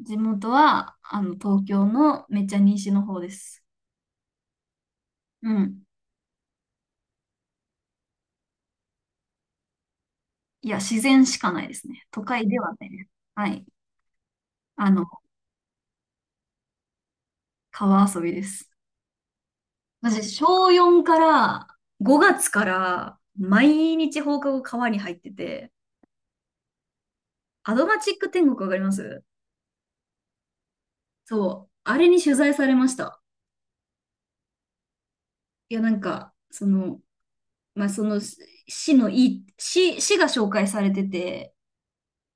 地元は、東京のめっちゃ西の方です。うん。いや、自然しかないですね。都会ではね。はい。あの、川遊びです。私、小4から、5月から、毎日放課後川に入ってて、アドマチック天国わかります？そう。あれに取材されました。いや、なんか、その、まあ、その、し市のいい、市、市が紹介されてて、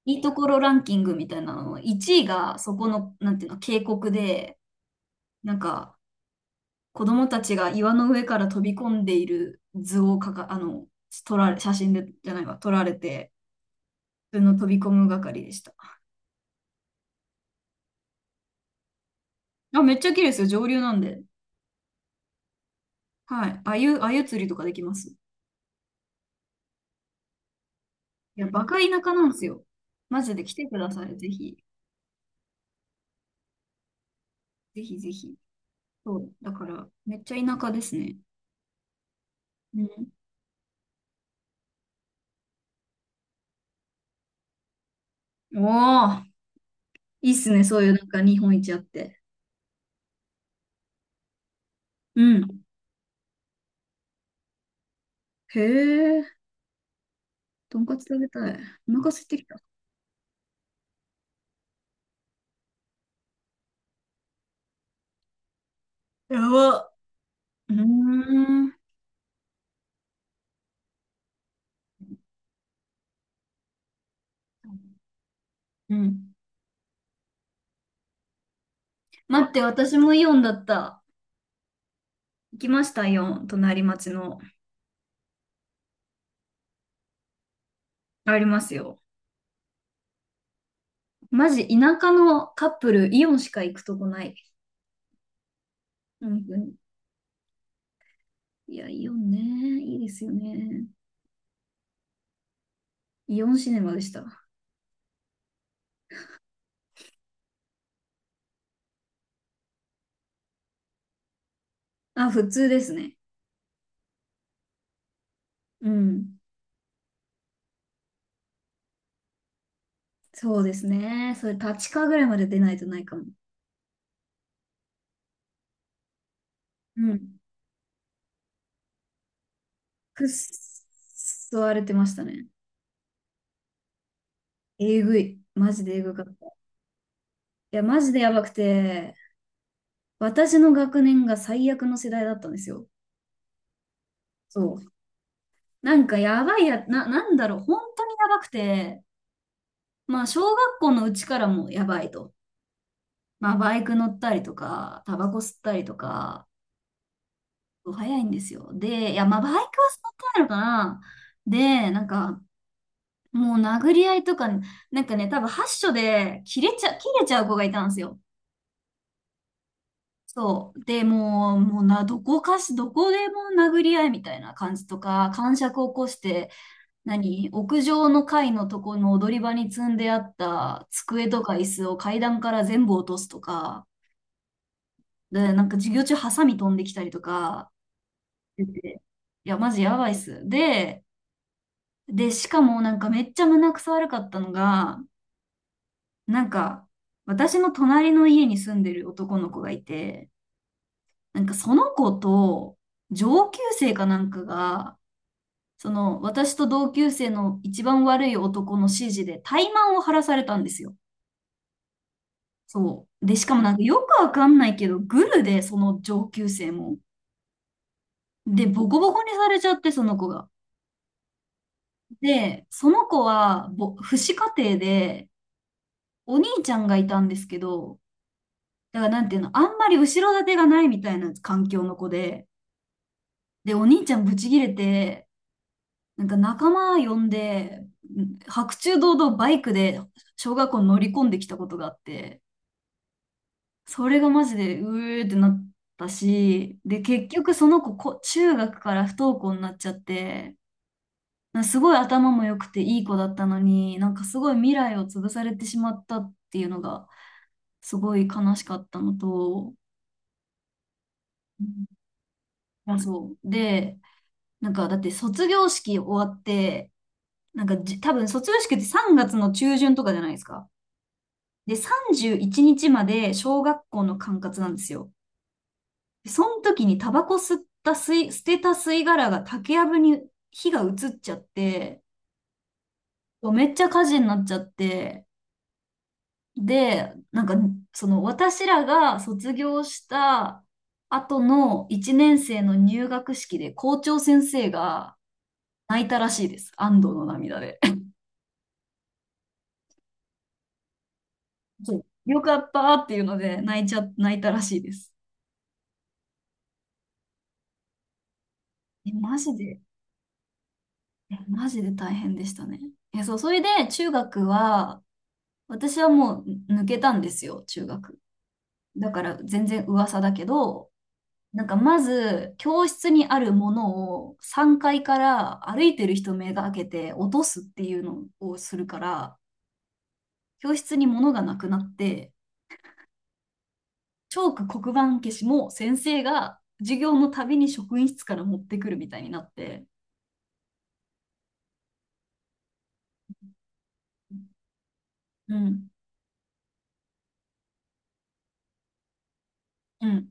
いいところランキングみたいなのの1位がそこの、なんていうの、渓谷で、なんか、子供たちが岩の上から飛び込んでいる図をかか、あの、撮られ、写真で、じゃないわ、撮られて、普通の飛び込む係でした。あ、めっちゃ綺麗ですよ、上流なんで。はい。あゆ釣りとかできます。いや、バカ田舎なんですよ。マジで来てください、ぜひ。ぜひぜひ。そう、だから、めっちゃ田舎ですね。うん。おー、いいっすね、そういうなんか日本一あって。うん。へえ、とんかつ食べたい。お腹空いてきた。やば。うーん。うん。待って、私もイオンだった。行きました、イオン。隣町の。ありますよ。マジ、舎のカップル、イオンしか行くとこない。本当に。いや、イオンね。いいですよね。イオンシネマでした。あ、普通ですね。うん。そうですね。それ、立川ぐらいまで出ないとないかも。うん。くっそ荒れてましたね。えぐい。マジでえぐかった。いや、マジでやばくて、私の学年が最悪の世代だったんですよ。そう。なんかやばいや、な、なんだろう、本当にやばくて、まあ小学校のうちからもやばいと。まあバイク乗ったりとか、タバコ吸ったりとか、早いんですよ。で、いや、まあバイクは吸ってないのかな。で、なんか、もう殴り合いとか、なんかね、多分発所で切れちゃう子がいたんですよ。そう。で、もう、もうな、どこかし、どこでも殴り合いみたいな感じとか、癇癪を起こして、何屋上の階のとこの踊り場に積んであった机とか椅子を階段から全部落とすとか、で、なんか授業中ハサミ飛んできたりとかしてて、いや、マジやばいっす。で、しかもなんかめっちゃ胸くそ悪かったのが、なんか私の隣の家に住んでる男の子がいて、なんかその子と上級生かなんかが、その私と同級生の一番悪い男の指示で怠慢を晴らされたんですよ。そう。で、しかもなんかよくわかんないけど、グルで、その上級生も。で、ボコボコにされちゃって、その子が。で、その子は、父子家庭で、お兄ちゃんがいたんですけど、だからなんていうの、あんまり後ろ盾がないみたいな環境の子で、で、お兄ちゃんブチギレて、なんか仲間呼んで、白昼堂々バイクで小学校に乗り込んできたことがあって、それがマジで、うーってなったし、で、結局その子、中学から不登校になっちゃって、なんかすごい頭も良くていい子だったのに、なんかすごい未来を潰されてしまったっていうのが、すごい悲しかったのと、うん。あ、そう。で、なんかだって卒業式終わって、なんかじ、多分卒業式って3月の中旬とかじゃないですか。で、31日まで小学校の管轄なんですよ。その時にタバコ吸った吸い、捨てた吸い殻が竹やぶに火が移っちゃって、めっちゃ火事になっちゃって、で、なんか、その私らが卒業した後の1年生の入学式で校長先生が泣いたらしいです。安堵の涙で。そうよかったっていうので泣いたらしいです。え、マジで、え、マジで大変でしたね。え、そう、それで中学は、私はもう抜けたんですよ、中学。だから全然噂だけど、なんかまず教室にあるものを3階から歩いてる人目が開けて落とすっていうのをするから、教室に物がなくなって、チョーク黒板消しも先生が授業のたびに職員室から持ってくるみたいになって、うん、うん、うん、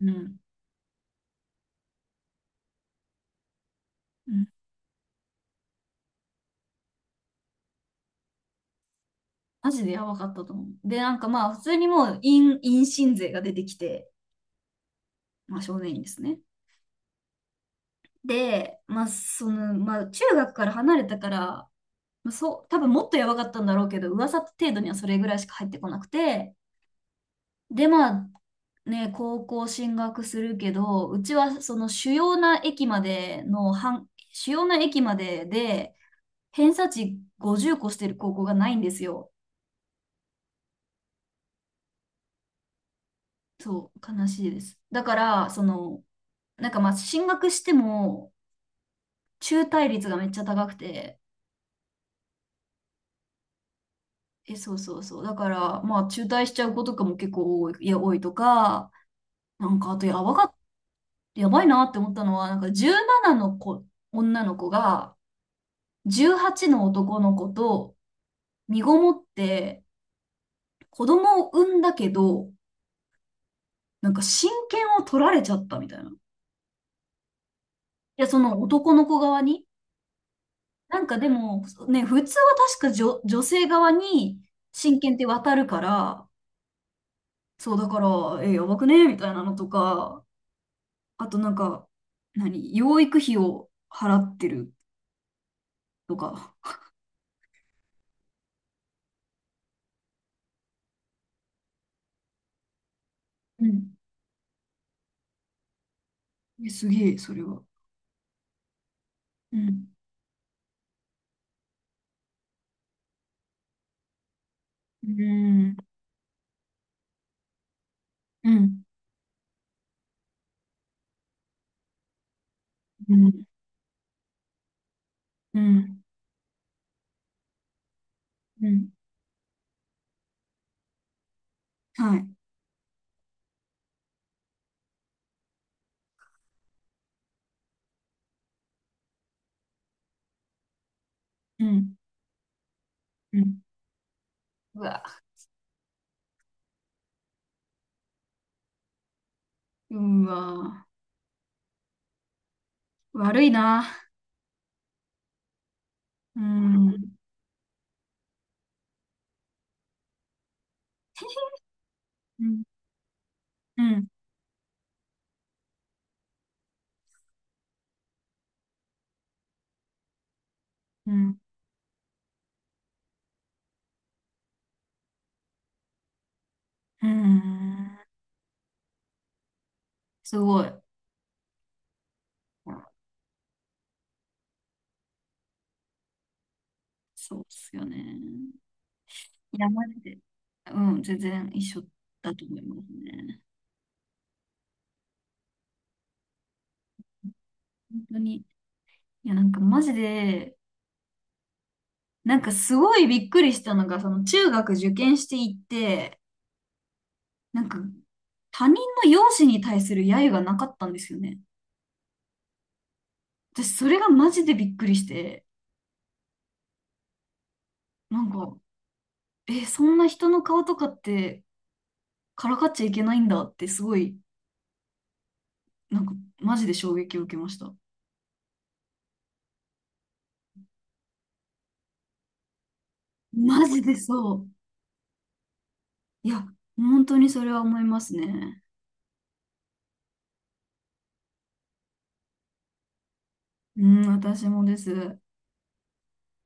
うん、うん。マジでやばかったと思う。で、なんかまあ、普通にもう、陰親税が出てきて、まあ、少年院ですね。で、中学から離れたから、まあ、そう、多分もっとやばかったんだろうけど、噂程度にはそれぐらいしか入ってこなくて、で、まあ、ね、高校進学するけど、うちはその主要な駅までの、半主要な駅までで、偏差値50個してる高校がないんですよ。そう、悲しいです。だから、その、なんかまあ、進学しても、中退率がめっちゃ高くて、え、そうそうそう。だから、まあ、中退しちゃう子とかも結構多いとか、なんか、あと、やばいなって思ったのは、なんか、17の子、女の子が、18の男の子と、身ごもって、子供を産んだけど、なんか、親権を取られちゃったみたいな。いや、その男の子側に。なんか、でも、ね、普通は確か女性側に、親権って渡るから、そう、だから、え、やばくねみたいなのとか、あとなんか、何、養育費を払ってるとか。うん。え、すげえ、それは。うん。うん。うん。うん。うん。うん。はい。うん。うん。うわ。うわ。悪いな。うん。うん。うん。うん。うん。すごい。そうっすよね。いや、マジで。うん、全然一緒だと思いますね。本当に。いや、なんかマジで、なんかすごいびっくりしたのが、その中学受験していって、なんか他人の容姿に対する揶揄がなかったんですよね。私それがマジでびっくりして、なんか、え、そんな人の顔とかってからかっちゃいけないんだってすごい、なんかマジで衝撃を受けました。マジでそう。いや、本当にそれは思いますね。うん、私もです。